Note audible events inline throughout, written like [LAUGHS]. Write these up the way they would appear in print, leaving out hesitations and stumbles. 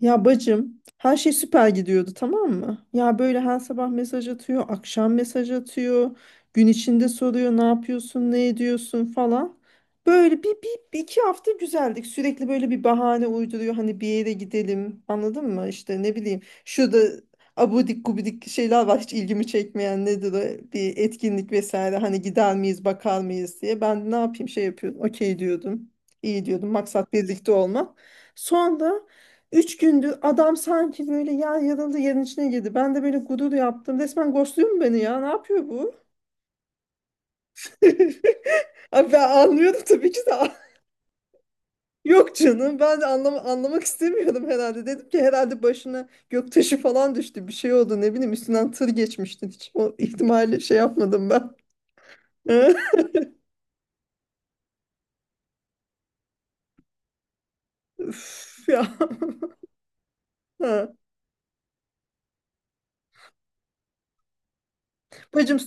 Ya bacım her şey süper gidiyordu, tamam mı? Ya böyle her sabah mesaj atıyor, akşam mesaj atıyor, gün içinde soruyor ne yapıyorsun, ne ediyorsun falan. Böyle bir iki hafta güzeldik. Sürekli böyle bir bahane uyduruyor hani bir yere gidelim, anladın mı? İşte ne bileyim şurada abudik gubidik şeyler var hiç ilgimi çekmeyen, nedir o, bir etkinlik vesaire, hani gider miyiz bakar mıyız diye. Ben ne yapayım şey yapıyordum, okey diyordum, iyi diyordum, maksat birlikte olmak. Sonra üç gündür adam sanki böyle yer yarıldı yerin içine girdi. Ben de böyle gurur yaptım. Resmen ghostluyor mu beni ya? Ne yapıyor bu? [LAUGHS] Abi ben anlıyordum tabii ki de. [LAUGHS] Yok canım, ben de anlamak istemiyordum herhalde. Dedim ki herhalde başına göktaşı falan düştü. Bir şey oldu ne bileyim, üstünden tır geçmişti. Hiç o ihtimalle şey yapmadım ben. [LAUGHS] Üf ya. [LAUGHS] Ha. Bacım,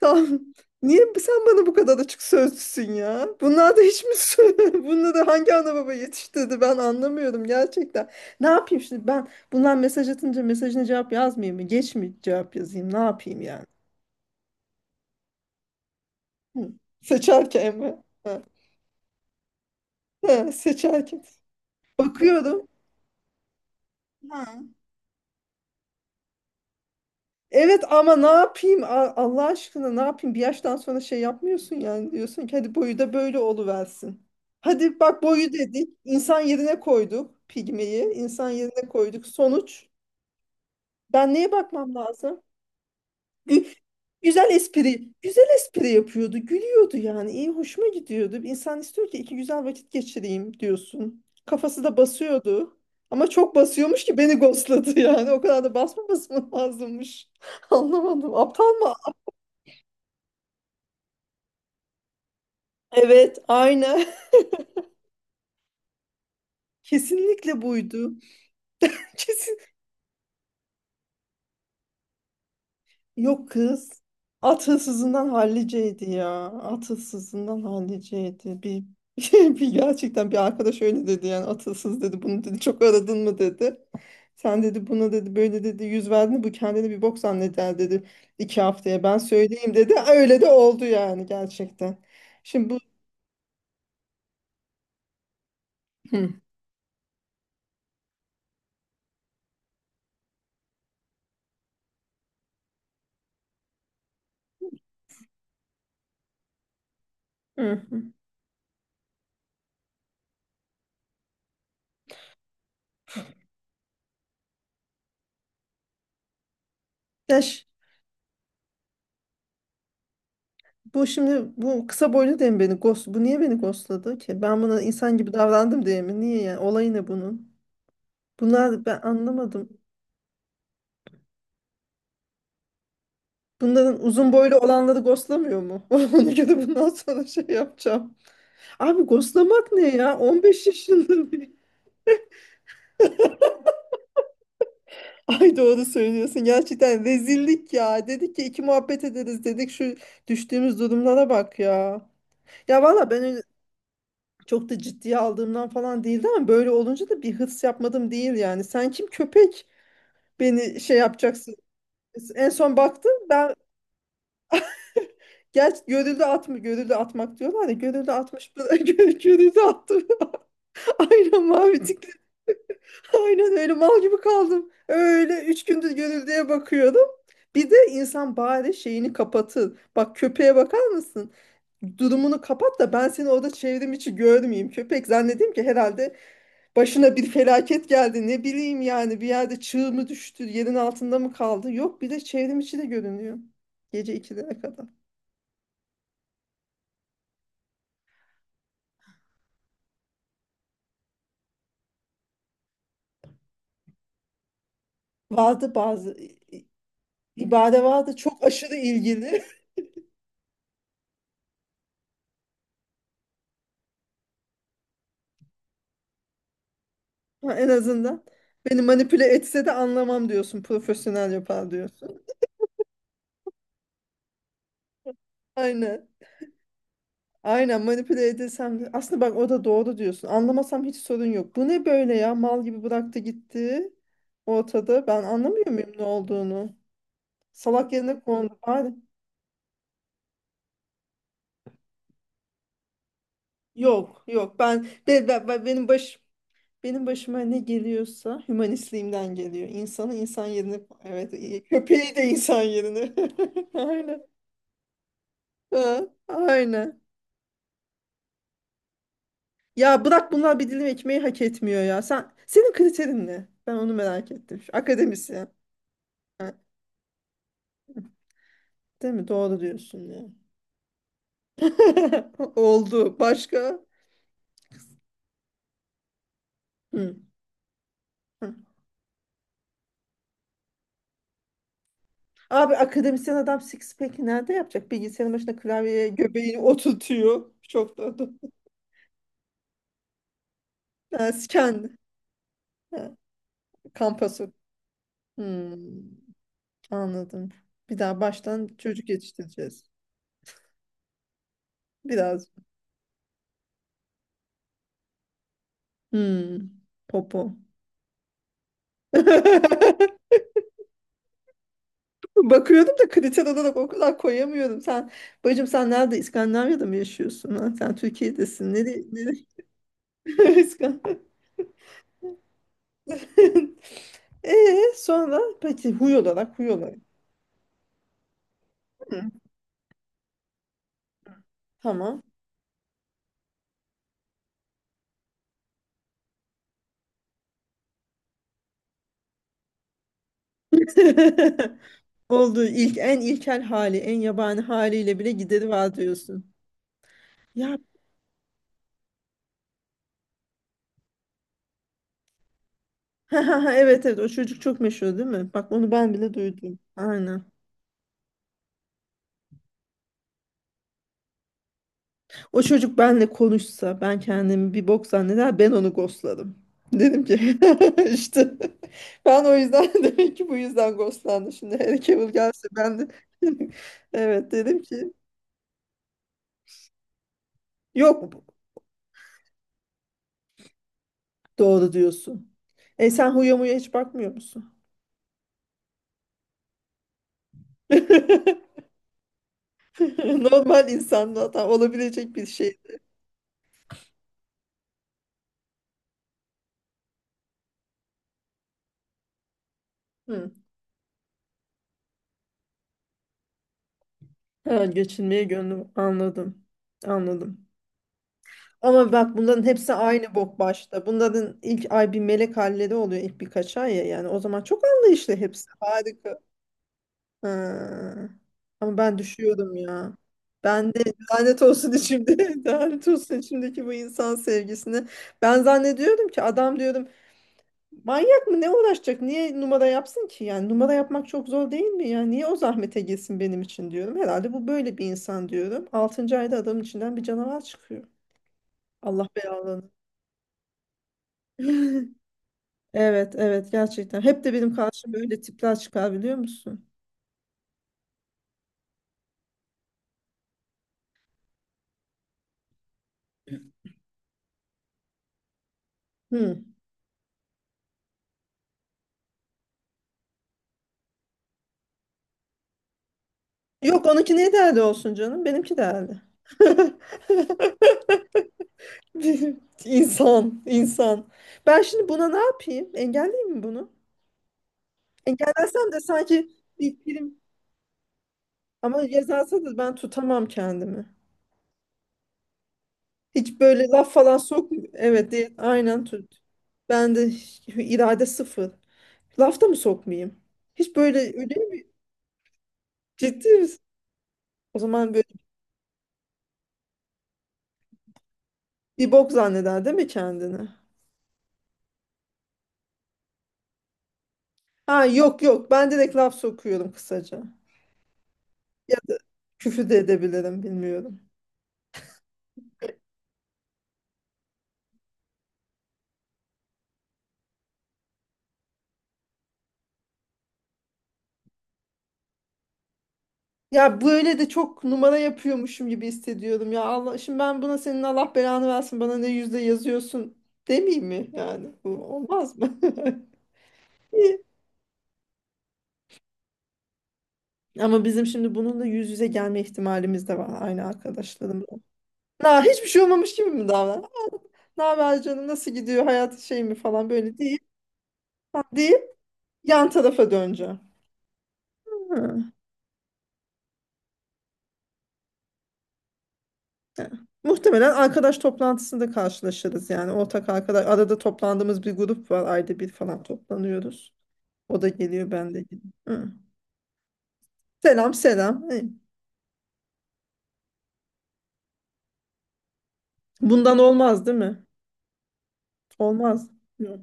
tamam. Niye sen bana bu kadar açık sözlüsün ya? Bunlar da hiç mi? [LAUGHS] Bunlar da hangi ana baba yetiştirdi, ben anlamıyorum gerçekten. Ne yapayım şimdi ben, bunlar mesaj atınca mesajına cevap yazmayayım mı? Geç mi cevap yazayım? Ne yapayım yani? Hı. Seçerken mi? Ha. Ha, seçerken. Bakıyorum. Ha. Evet ama ne yapayım, Allah aşkına, ne yapayım, bir yaştan sonra şey yapmıyorsun yani, diyorsun ki hadi boyu da böyle oluversin. Hadi bak, boyu dedik insan yerine koyduk, pigmeyi insan yerine koyduk, sonuç, ben neye bakmam lazım? Gü- güzel espri, güzel espri yapıyordu, gülüyordu yani, iyi hoşuma gidiyordu. İnsan istiyor ki iki güzel vakit geçireyim diyorsun, kafası da basıyordu ama çok basıyormuş ki beni ghostladı, yani o kadar da basmaması mı lazımmış. [LAUGHS] Anlamadım. Aptal mı? Evet, aynı. [LAUGHS] Kesinlikle buydu. [LAUGHS] Kesin. Yok kız. At hırsızından halliceydi ya. At hırsızından halliceydi. Bir, [LAUGHS] bir gerçekten, bir arkadaş öyle dedi yani, at hırsız dedi. Bunu dedi, çok aradın mı dedi. Sen dedi buna dedi böyle dedi, yüz verdin mi bu kendini bir bok zanneder dedi. İki haftaya ben söyleyeyim dedi. Öyle de oldu yani, gerçekten. Şimdi bu... Hı, hı, hı. Ya bu kısa boylu diye mi beni ghost, bu niye beni ghostladı ki? Ben buna insan gibi davrandım diye mi? Niye yani? Olayı ne bunun? Bunlar, ben anlamadım. Bunların uzun boylu olanları ghostlamıyor mu? [LAUGHS] Ona göre bundan sonra şey yapacağım. Abi ghostlamak ne ya? 15 yaşında bir... [LAUGHS] Ay doğru söylüyorsun. Gerçekten rezillik ya. Dedik ki iki muhabbet ederiz dedik. Şu düştüğümüz durumlara bak ya. Ya valla ben öyle çok da ciddiye aldığımdan falan değildi ama böyle olunca da bir hırs yapmadım değil yani. Sen kim köpek? Beni şey yapacaksın. En son baktım ben, gerçi görüldü atma, görüldü atmak diyorlar ya, görüldü atmış [LAUGHS] görüldü attım. [LAUGHS] Aynen, mavi tikli. Aynen, öyle mal gibi kaldım. Öyle üç gündür görüldüye bakıyordum. Bir de insan bari şeyini kapatır. Bak, köpeğe bakar mısın? Durumunu kapat da ben seni orada çevrim içi görmeyeyim. Köpek zannedeyim ki herhalde başına bir felaket geldi, ne bileyim yani, bir yerde çığ mı düştü, yerin altında mı kaldı, yok bir de çevrim içi de görünüyor gece 2'lere kadar. Vardı bazı ibare, vardı, çok aşırı ilgili. [LAUGHS] Ha, en azından beni manipüle etse de anlamam diyorsun, profesyonel yapar diyorsun. Aynen, aynen, manipüle edesem de aslında, bak o da doğru diyorsun, anlamasam hiç sorun yok, bu ne böyle ya, mal gibi bıraktı gitti ortada, ben anlamıyor muyum ne olduğunu, salak yerine kondu. Bari... Yok yok, ben benim başıma ne geliyorsa hümanistliğimden geliyor. İnsanı insan yerine, evet, iyi. Köpeği de insan yerine. [LAUGHS] Aynen. Ha, aynen. Ya bırak, bunlar bir dilim ekmeği hak etmiyor ya. Sen, senin kriterin ne? Ben onu merak ettim. Şu akademisyen. Ha, değil mi? Doğru diyorsun ya. [LAUGHS] Oldu. Başka? Hı. Hı. Abi akademisyen adam six pack'i nerede yapacak? Bilgisayarın başında klavyeye göbeğini oturtuyor. Çok da... Ha, kendi. Ha, kampası. Hmm, anladım. Bir daha baştan çocuk yetiştireceğiz. Biraz. Hmm, popo. [LAUGHS] Bakıyordum da kriter olarak o kadar koyamıyorum. Sen bacım, sen nerede? İskandinavya'da mı yaşıyorsun? Ha? Sen Türkiye'desin. Nereye? Nereye? [LAUGHS] İskan- [LAUGHS] Ee, sonra peki, huy olarak, huy olarak. Hı, tamam. [LAUGHS] Olduğu ilk, en ilkel hali, en yabani haliyle bile gideri var diyorsun. Ya, [LAUGHS] evet, evet, o çocuk çok meşhur değil mi? Bak, onu ben bile duydum. Aynen. O çocuk benle konuşsa ben kendimi bir bok zanneder, ben onu ghostladım. Dedim ki [LAUGHS] işte ben o yüzden [LAUGHS] demek ki bu yüzden ghostlandım. Şimdi Harry Cavill gelse ben de [LAUGHS] evet dedim ki, yok doğru diyorsun. E sen huya muya hiç bakmıyor musun? [LAUGHS] Normal insanda hata olabilecek bir şey. Hı. Ha, geçinmeye gönlüm, anladım. Anladım. Ama bak, bunların hepsi aynı bok başta. Bunların ilk ay bir melek halleri oluyor, ilk birkaç ay ya. Yani o zaman çok anlayışlı hepsi. Harika. Ha. Ama ben düşüyorum ya. Ben de lanet olsun içimde. [LAUGHS] Lanet olsun içimdeki bu insan sevgisini. Ben zannediyorum ki adam, diyorum manyak mı ne uğraşacak? Niye numara yapsın ki? Yani numara yapmak çok zor değil mi? Yani niye o zahmete girsin benim için diyorum. Herhalde bu böyle bir insan diyorum. Altıncı ayda adamın içinden bir canavar çıkıyor. Allah belalarını. [LAUGHS] Evet, evet, gerçekten. Hep de benim karşıma öyle tipler çıkar, biliyor musun? Hmm. Yok, onunki niye değerli olsun canım? Benimki değerli. [LAUGHS] Bir... İnsan, insan. Ben şimdi buna ne yapayım? Engelleyeyim mi bunu? Engellersem de sanki bir prim, ama yazarsa da ben tutamam kendimi. Hiç böyle laf falan sok. Evet, değil, aynen, tut. Ben de irade sıfır. Lafta mı sokmayayım? Hiç böyle, öyle mi? Ciddi misin? O zaman böyle bir bok zanneder değil mi kendini? Ha, yok yok, ben direkt laf sokuyorum kısaca. Ya da küfür de edebilirim, bilmiyorum. Ya böyle de çok numara yapıyormuşum gibi hissediyorum ya, Allah, şimdi ben buna senin Allah belanı versin, bana ne, yüzde yazıyorsun demeyeyim mi yani, bu olmaz mı? [LAUGHS] İyi. Ama bizim şimdi bununla yüz yüze gelme ihtimalimiz de var, aynı arkadaşlarımla. Na, hiçbir şey olmamış gibi mi davran? Ne haber canım, nasıl gidiyor hayat, şey mi falan, böyle, değil. Değil, yan tarafa döneceğim. Hı. Evet. Muhtemelen arkadaş toplantısında karşılaşırız yani, ortak arkadaş, arada toplandığımız bir grup var, ayda bir falan toplanıyoruz. O da geliyor, ben de geliyorum. Hı. Selam, selam. Hı. Bundan olmaz değil mi? Olmaz. Yok.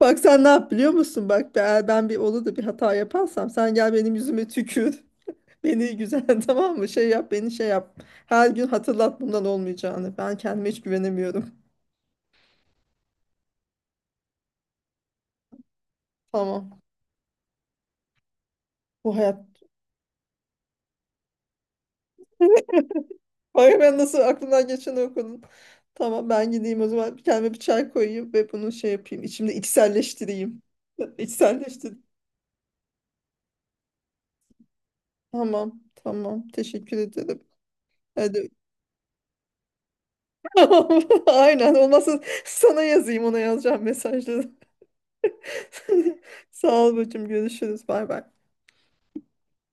Bak sen ne yap biliyor musun? Bak, eğer ben bir olur da bir hata yaparsam sen gel benim yüzüme tükür. [LAUGHS] Beni güzel [LAUGHS] tamam mı? Şey yap, beni şey yap. Her gün hatırlat bundan olmayacağını. Ben kendime hiç güvenemiyorum. Tamam. Bu hayat... Hayır, ben nasıl aklımdan geçeni okudum. Tamam, ben gideyim o zaman, bir kendime bir çay koyayım ve bunu şey yapayım. İçimde içselleştireyim. [LAUGHS] İçselleştireyim. Tamam, tamam, teşekkür ederim. Hadi. [LAUGHS] Aynen, olmazsa sana yazayım ona yazacağım mesajları. [LAUGHS] Sağ ol bacım, görüşürüz, bay bay.